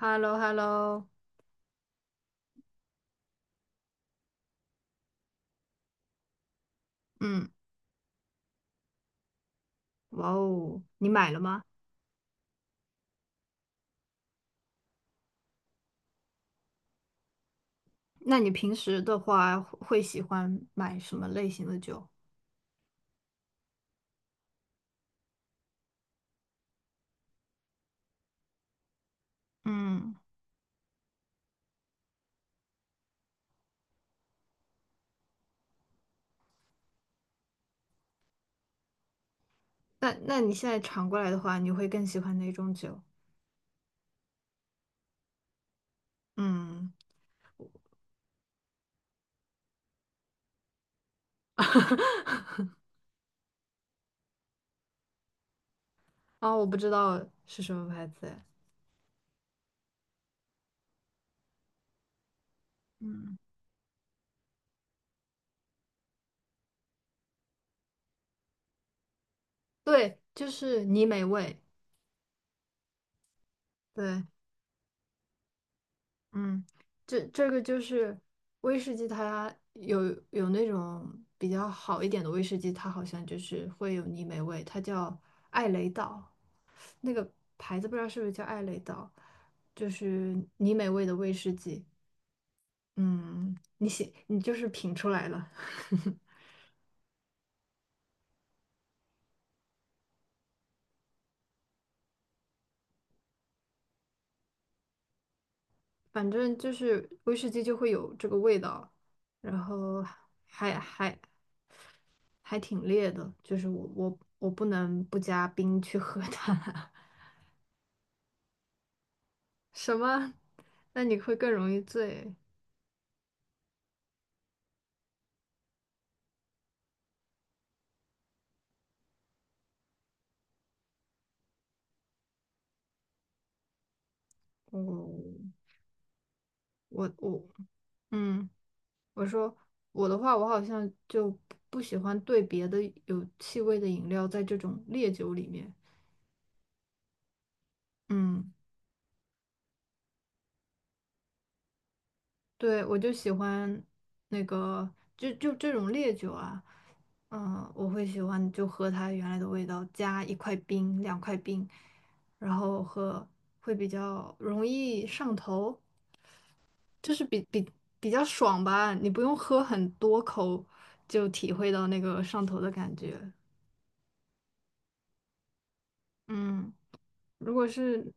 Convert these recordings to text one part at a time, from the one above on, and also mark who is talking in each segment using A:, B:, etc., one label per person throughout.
A: h e l l o h e l l o 嗯。哇哦，你买了吗？那你平时的话会喜欢买什么类型的酒？嗯。那你现在尝过来的话，你会更喜欢哪种酒？嗯。 啊、我不知道是什么牌子哎。嗯。对，就是泥美味。对。嗯。这个就是威士忌，它有那种比较好一点的威士忌，它好像就是会有泥煤味，它叫艾雷岛，那个牌子不知道是不是叫艾雷岛，就是泥煤味的威士忌。嗯，你写你就是品出来了。反正就是威士忌就会有这个味道，然后还还还挺烈的，就是我不能不加冰去喝它。什么？那你会更容易醉。我我，嗯，我说我的话，我好像就不喜欢兑别的有气味的饮料在这种烈酒里面。嗯。对，我就喜欢那个，就这种烈酒啊，嗯，我会喜欢就喝它原来的味道，加一块冰、两块冰，然后喝会比较容易上头。就是比较爽吧，你不用喝很多口就体会到那个上头的感觉。嗯，如果是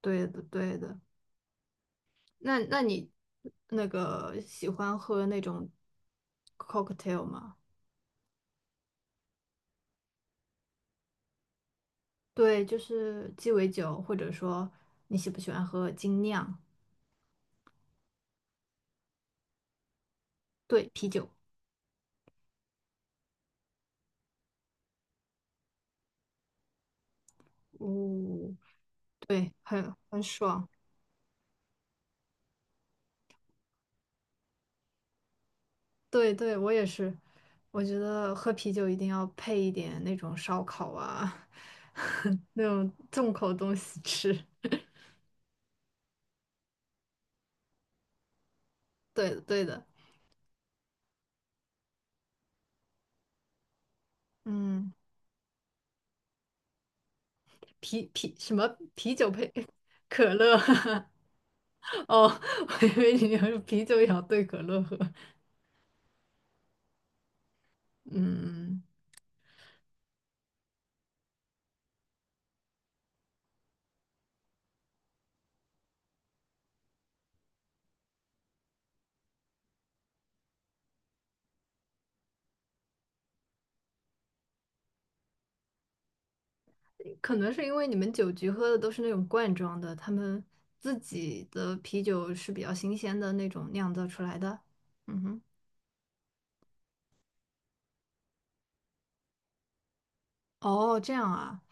A: 对的对的。那你那个喜欢喝那种 cocktail 吗？对，就是鸡尾酒，或者说你喜不喜欢喝精酿？对，啤酒。哦。对，很爽。对对，我也是，我觉得喝啤酒一定要配一点那种烧烤啊，那种重口东西吃。对的对的。嗯。什么啤酒配 可乐？哦，我以为你要是啤酒也要兑可乐喝。嗯。可能是因为你们酒局喝的都是那种罐装的，他们自己的啤酒是比较新鲜的那种酿造出来的。嗯哼。哦，这样啊。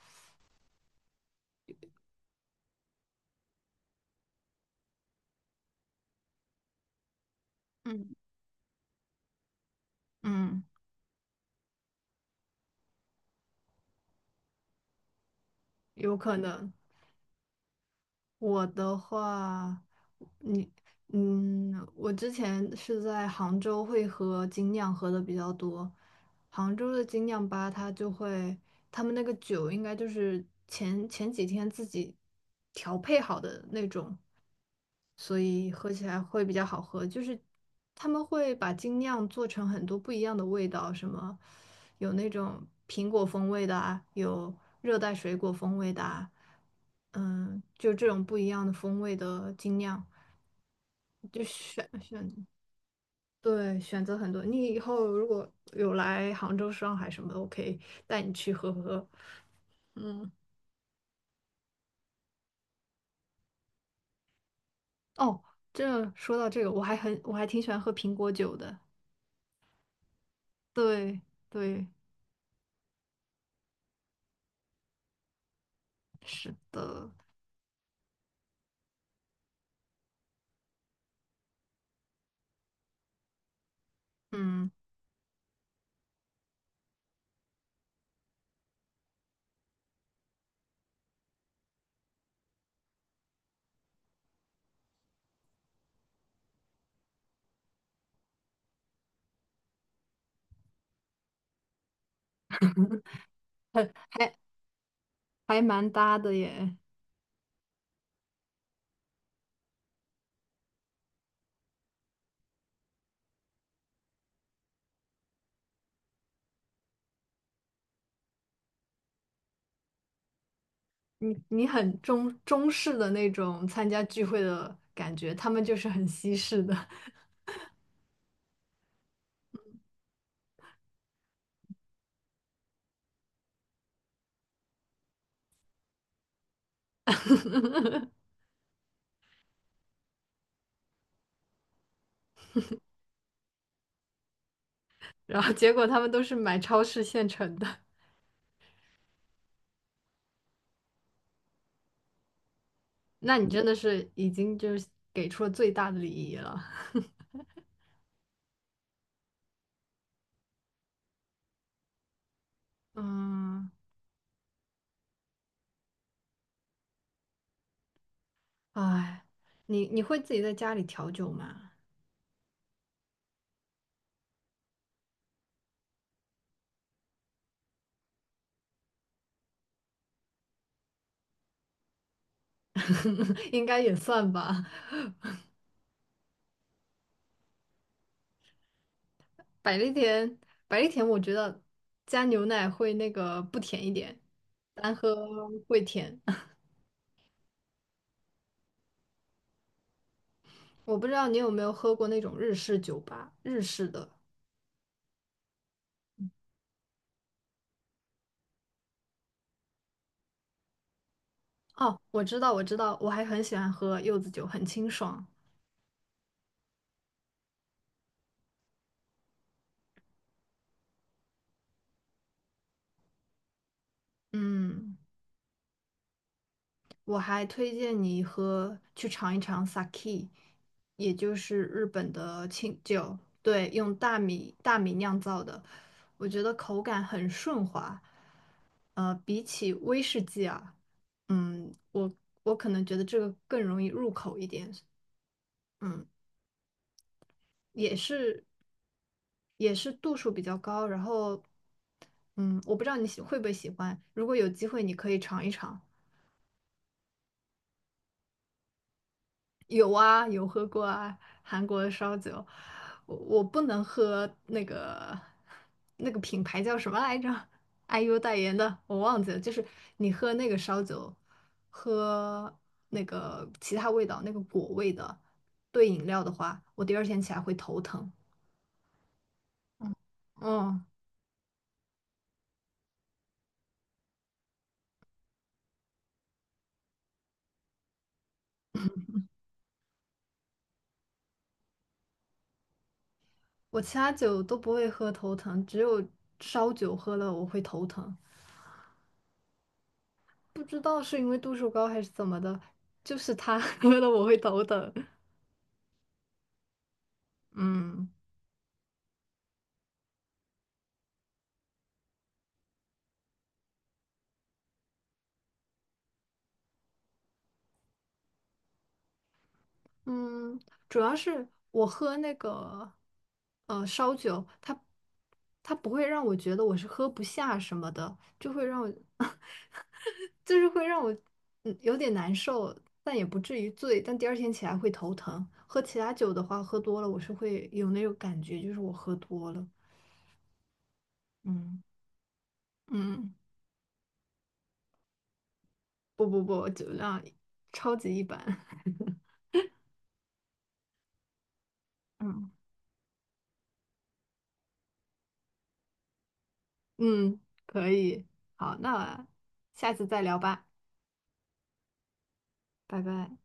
A: 嗯。嗯。有可能。我的话，你，嗯，我之前是在杭州会喝精酿喝的比较多，杭州的精酿吧，它就会，他们那个酒应该就是前几天自己调配好的那种，所以喝起来会比较好喝。就是他们会把精酿做成很多不一样的味道，什么有那种苹果风味的啊，有热带水果风味的啊。嗯，就这种不一样的风味的精酿，就选。对，选择很多。你以后如果有来杭州、上海什么的，我可以带你去喝喝。嗯。哦，这说到这个，我还很我还挺喜欢喝苹果酒的。对对。是的。嗯，很还还蛮搭的耶。你你很中式的那种参加聚会的感觉，他们就是很西式的。然后结果他们都是买超市现成的。那你真的是已经就是给出了最大的礼仪了。嗯。哎，你你会自己在家里调酒吗？应该也算吧。百利甜，百利甜，我觉得加牛奶会那个不甜一点，单喝会甜。我不知道你有没有喝过那种日式酒吧，日式的。哦，我知道，我知道，我还很喜欢喝柚子酒，很清爽。嗯。我还推荐你喝去尝一尝 sake,也就是日本的清酒，对，用大米酿造的，我觉得口感很顺滑。比起威士忌啊，嗯，我我可能觉得这个更容易入口一点。嗯。也是也是度数比较高，然后嗯，我不知道你喜会不会喜欢，如果有机会你可以尝一尝。有啊，有喝过啊，韩国的烧酒，我不能喝那个那个品牌叫什么来着？IU 代言的，我忘记了。就是你喝那个烧酒，喝那个其他味道，那个果味的兑饮料的话，我第二天起来会头疼。嗯。我其他酒都不会喝头疼，只有烧酒喝了我会头疼，不知道是因为度数高还是怎么的，就是它 喝了我会头疼。嗯。嗯，主要是我喝那个烧酒，它不会让我觉得我是喝不下什么的，就会让我 就是会让我有点难受，但也不至于醉，但第二天起来会头疼。喝其他酒的话，喝多了我是会有那种感觉，就是我喝多了。嗯。嗯，不，酒量超级一般。嗯。嗯，可以，好，那下次再聊吧，拜拜。